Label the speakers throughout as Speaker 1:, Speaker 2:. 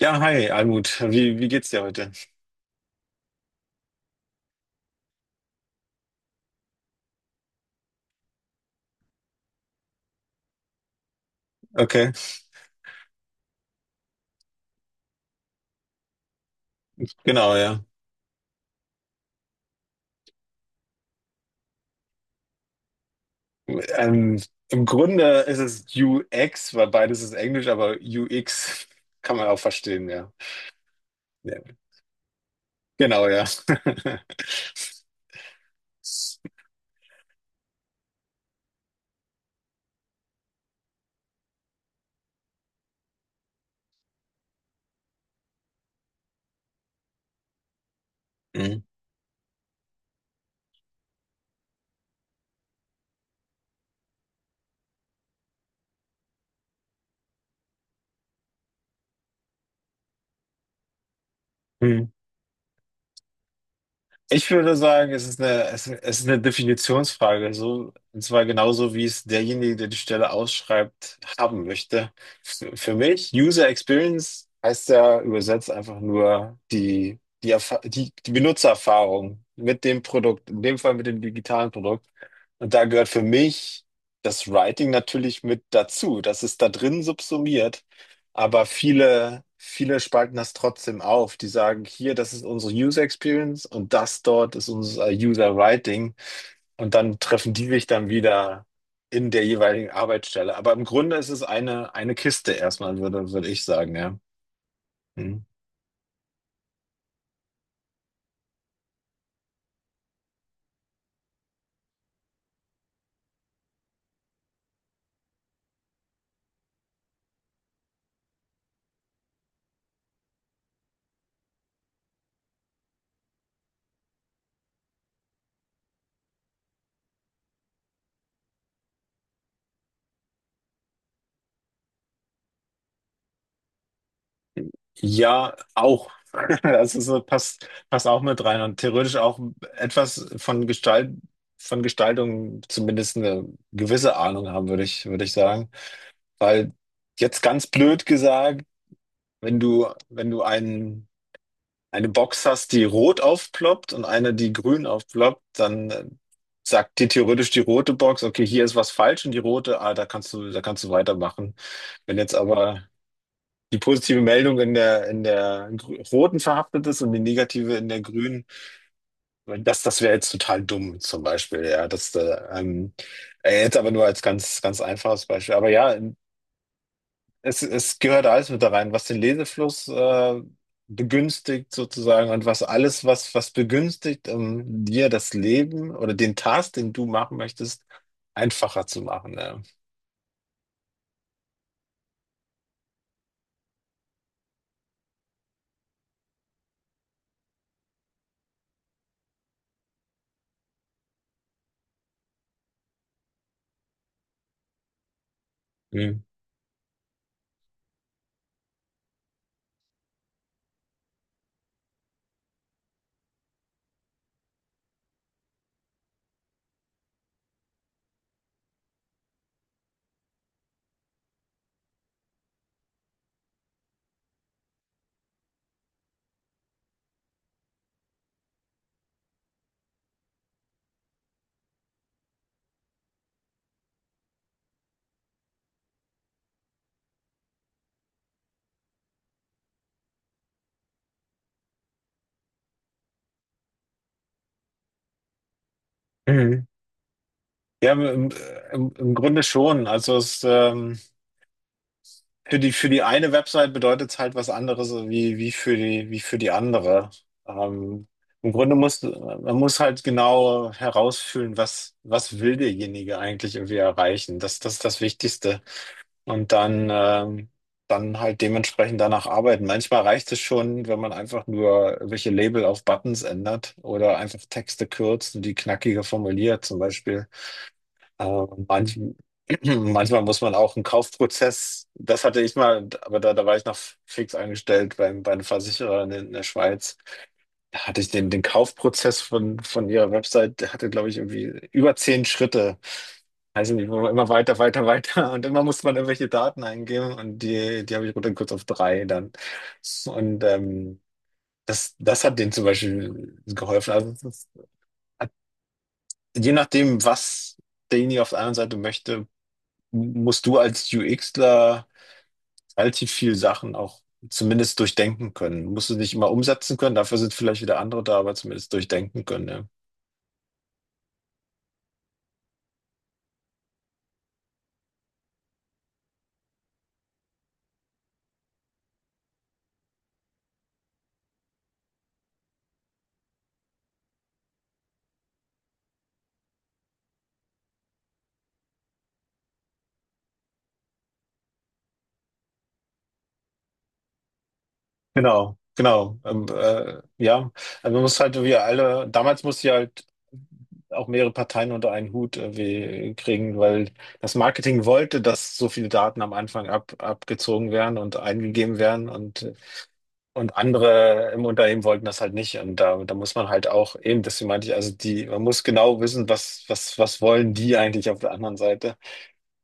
Speaker 1: Ja, hi, Almut. Wie geht's dir heute? Okay, genau, ja. Ähm, Im Grunde ist es UX, weil beides ist Englisch, aber UX kann man auch verstehen, ja. Ja. Genau, ja. Mhm. Hm. Ich würde sagen, es ist eine, es ist eine Definitionsfrage, so, und zwar genauso, wie es derjenige, der die Stelle ausschreibt, haben möchte. Für mich, User Experience heißt ja übersetzt einfach nur die, die, die, die Benutzererfahrung mit dem Produkt, in dem Fall mit dem digitalen Produkt. Und da gehört für mich das Writing natürlich mit dazu. Das ist da drin subsumiert. Aber viele spalten das trotzdem auf. Die sagen, hier, das ist unsere User Experience und das dort ist unser User Writing. Und dann treffen die sich dann wieder in der jeweiligen Arbeitsstelle. Aber im Grunde ist es eine Kiste erstmal, würde ich sagen, ja. Hm. Ja, auch. Das ist so, passt auch mit rein und theoretisch auch etwas von Gestalt, von Gestaltung zumindest eine gewisse Ahnung haben, würde ich sagen. Weil jetzt ganz blöd gesagt, wenn du, wenn du einen, eine Box hast, die rot aufploppt und eine, die grün aufploppt, dann sagt dir theoretisch die rote Box, okay, hier ist was falsch und die rote, ah, da kannst du weitermachen. Wenn jetzt aber die positive Meldung in der roten verhaftet ist und die negative in der grünen, das, das wäre jetzt total dumm, zum Beispiel, ja, das, jetzt aber nur als ganz, ganz einfaches Beispiel. Aber ja, es gehört alles mit da rein, was den Lesefluss begünstigt sozusagen und was alles, was, was begünstigt, um dir das Leben oder den Task, den du machen möchtest, einfacher zu machen. Ja, mhm. Mhm. Ja, im Grunde schon. Also es, für die, für die eine Website bedeutet es halt was anderes wie, wie für die andere. Ähm, Im Grunde muss, man muss halt genau herausfühlen, was, was will derjenige eigentlich irgendwie erreichen. Das, das ist das Wichtigste. Und dann, dann halt dementsprechend danach arbeiten. Manchmal reicht es schon, wenn man einfach nur welche Label auf Buttons ändert oder einfach Texte kürzt und die knackiger formuliert, zum Beispiel. Äh, manch, manchmal muss man auch einen Kaufprozess, das hatte ich mal, aber da, da war ich noch fix angestellt beim, bei einem Versicherer in der Schweiz. Da hatte ich den, den Kaufprozess von ihrer Website, der hatte, glaube ich, irgendwie über 10 Schritte. Also nicht, wo immer weiter. Und immer musste man irgendwelche Daten eingeben und die, die habe ich runtergekürzt auf drei dann. Und das, das hat denen zum Beispiel geholfen. Also es ist, hat, je nachdem, was derjenige auf der anderen Seite möchte, musst du als UXler relativ viel Sachen auch zumindest durchdenken können. Du musst es nicht immer umsetzen können, dafür sind vielleicht wieder andere da, aber zumindest durchdenken können. Ja. Genau, genau. Ja, also man muss halt wie alle, damals musste ich halt auch mehrere Parteien unter einen Hut irgendwie kriegen, weil das Marketing wollte, dass so viele Daten am Anfang abgezogen werden und eingegeben werden. Und andere im Unternehmen wollten das halt nicht. Und da, da muss man halt auch eben, deswegen meinte ich, also die, man muss genau wissen, was wollen die eigentlich auf der anderen Seite.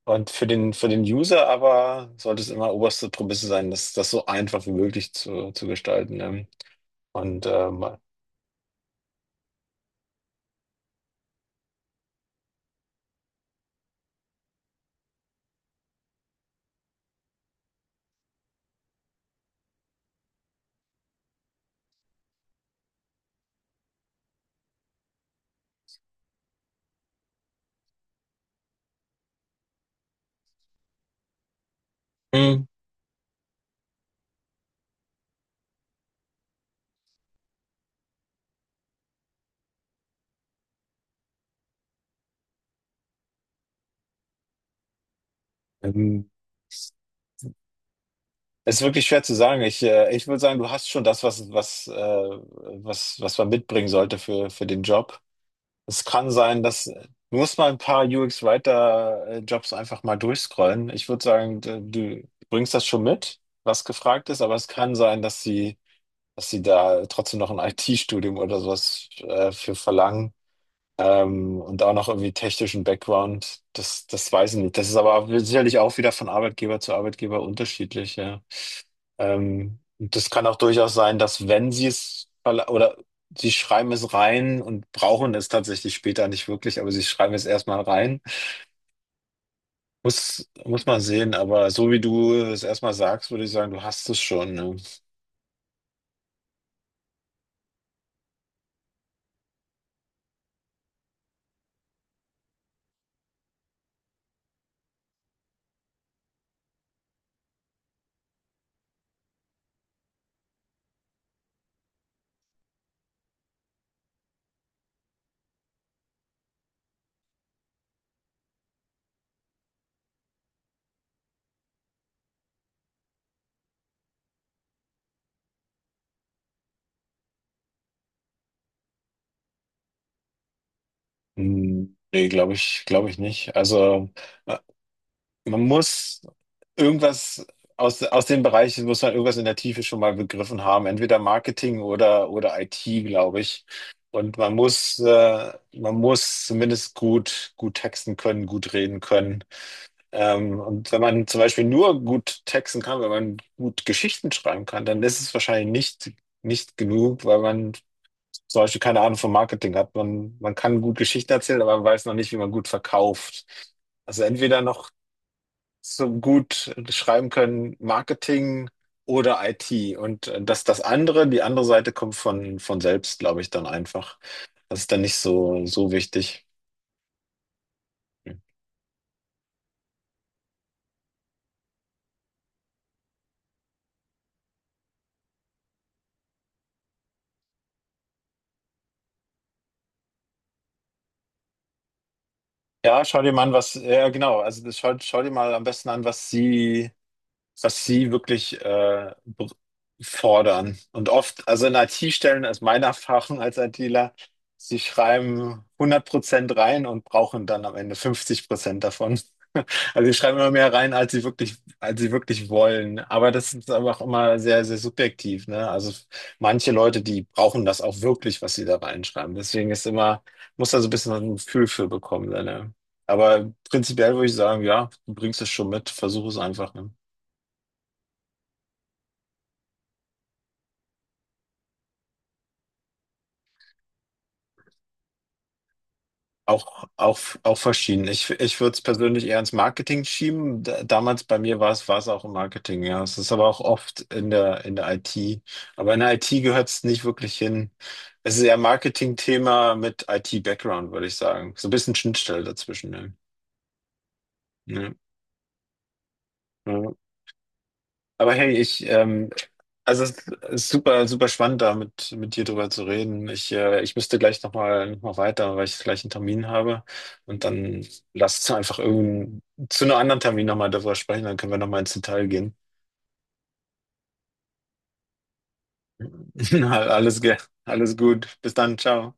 Speaker 1: Und für den User aber sollte es immer oberste Prämisse sein, das, das so einfach wie möglich zu gestalten. Ne? Und hm, ähm, es ist wirklich schwer zu sagen. Ich würde sagen, du hast schon das, was man mitbringen sollte für den Job. Es kann sein, dass du musst mal ein paar UX-Writer-Jobs einfach mal durchscrollen. Ich würde sagen, du bringst das schon mit, was gefragt ist, aber es kann sein, dass sie da trotzdem noch ein IT-Studium oder sowas für verlangen. Und auch noch irgendwie technischen Background, das, das weiß ich nicht. Das ist aber sicherlich auch wieder von Arbeitgeber zu Arbeitgeber unterschiedlich, ja. Und das kann auch durchaus sein, dass wenn sie es oder sie schreiben es rein und brauchen es tatsächlich später nicht wirklich, aber sie schreiben es erstmal rein. Muss man sehen, aber so wie du es erstmal sagst, würde ich sagen, du hast es schon. Ne? Hm, nee, glaube ich nicht. Also. äh, Man muss irgendwas aus den Bereichen, muss man irgendwas in der Tiefe schon mal begriffen haben, entweder Marketing oder IT, glaube ich. Und man muss zumindest gut, gut texten können, gut reden können. Und wenn man zum Beispiel nur gut texten kann, wenn man gut Geschichten schreiben kann, dann ist es wahrscheinlich nicht, nicht genug, weil man zum Beispiel keine Ahnung vom Marketing hat. Man kann gut Geschichten erzählen, aber man weiß noch nicht, wie man gut verkauft. Also entweder noch so gut schreiben können, Marketing oder IT. Und das, das andere, die andere Seite kommt von selbst, glaube ich, dann einfach. Das ist dann nicht so, so wichtig. Hm. Ja, schau dir mal an, was, ja genau, also das schau dir mal am besten an, was sie wirklich fordern. Und oft, also in IT-Stellen ist meine Erfahrung als ITler, sie schreiben 100% rein und brauchen dann am Ende 50% davon. Also sie schreiben immer mehr rein, als sie wirklich wollen. Aber das ist aber auch immer sehr, sehr subjektiv, ne? Also manche Leute, die brauchen das auch wirklich, was sie da reinschreiben. Deswegen ist immer, muss da so ein bisschen ein Gefühl für bekommen, ne? Aber prinzipiell würde ich sagen, ja, du bringst es schon mit, versuch es einfach, ne? Auch verschieden. Ich würde es persönlich eher ins Marketing schieben. D damals bei mir war es auch im Marketing, ja. Es ist aber auch oft in der IT. Aber in der IT gehört es nicht wirklich hin. Es ist eher Marketing-Thema mit IT-Background, würde ich sagen. So ein bisschen Schnittstelle dazwischen, ne? Ja. Ja. Aber hey, also es ist super, super spannend, da mit dir drüber zu reden. Ich müsste gleich noch mal weiter, weil ich gleich einen Termin habe. Und dann lass uns einfach irgend zu einem anderen Termin nochmal darüber sprechen, dann können wir nochmal ins Detail gehen. Na, alles gut. Bis dann, ciao.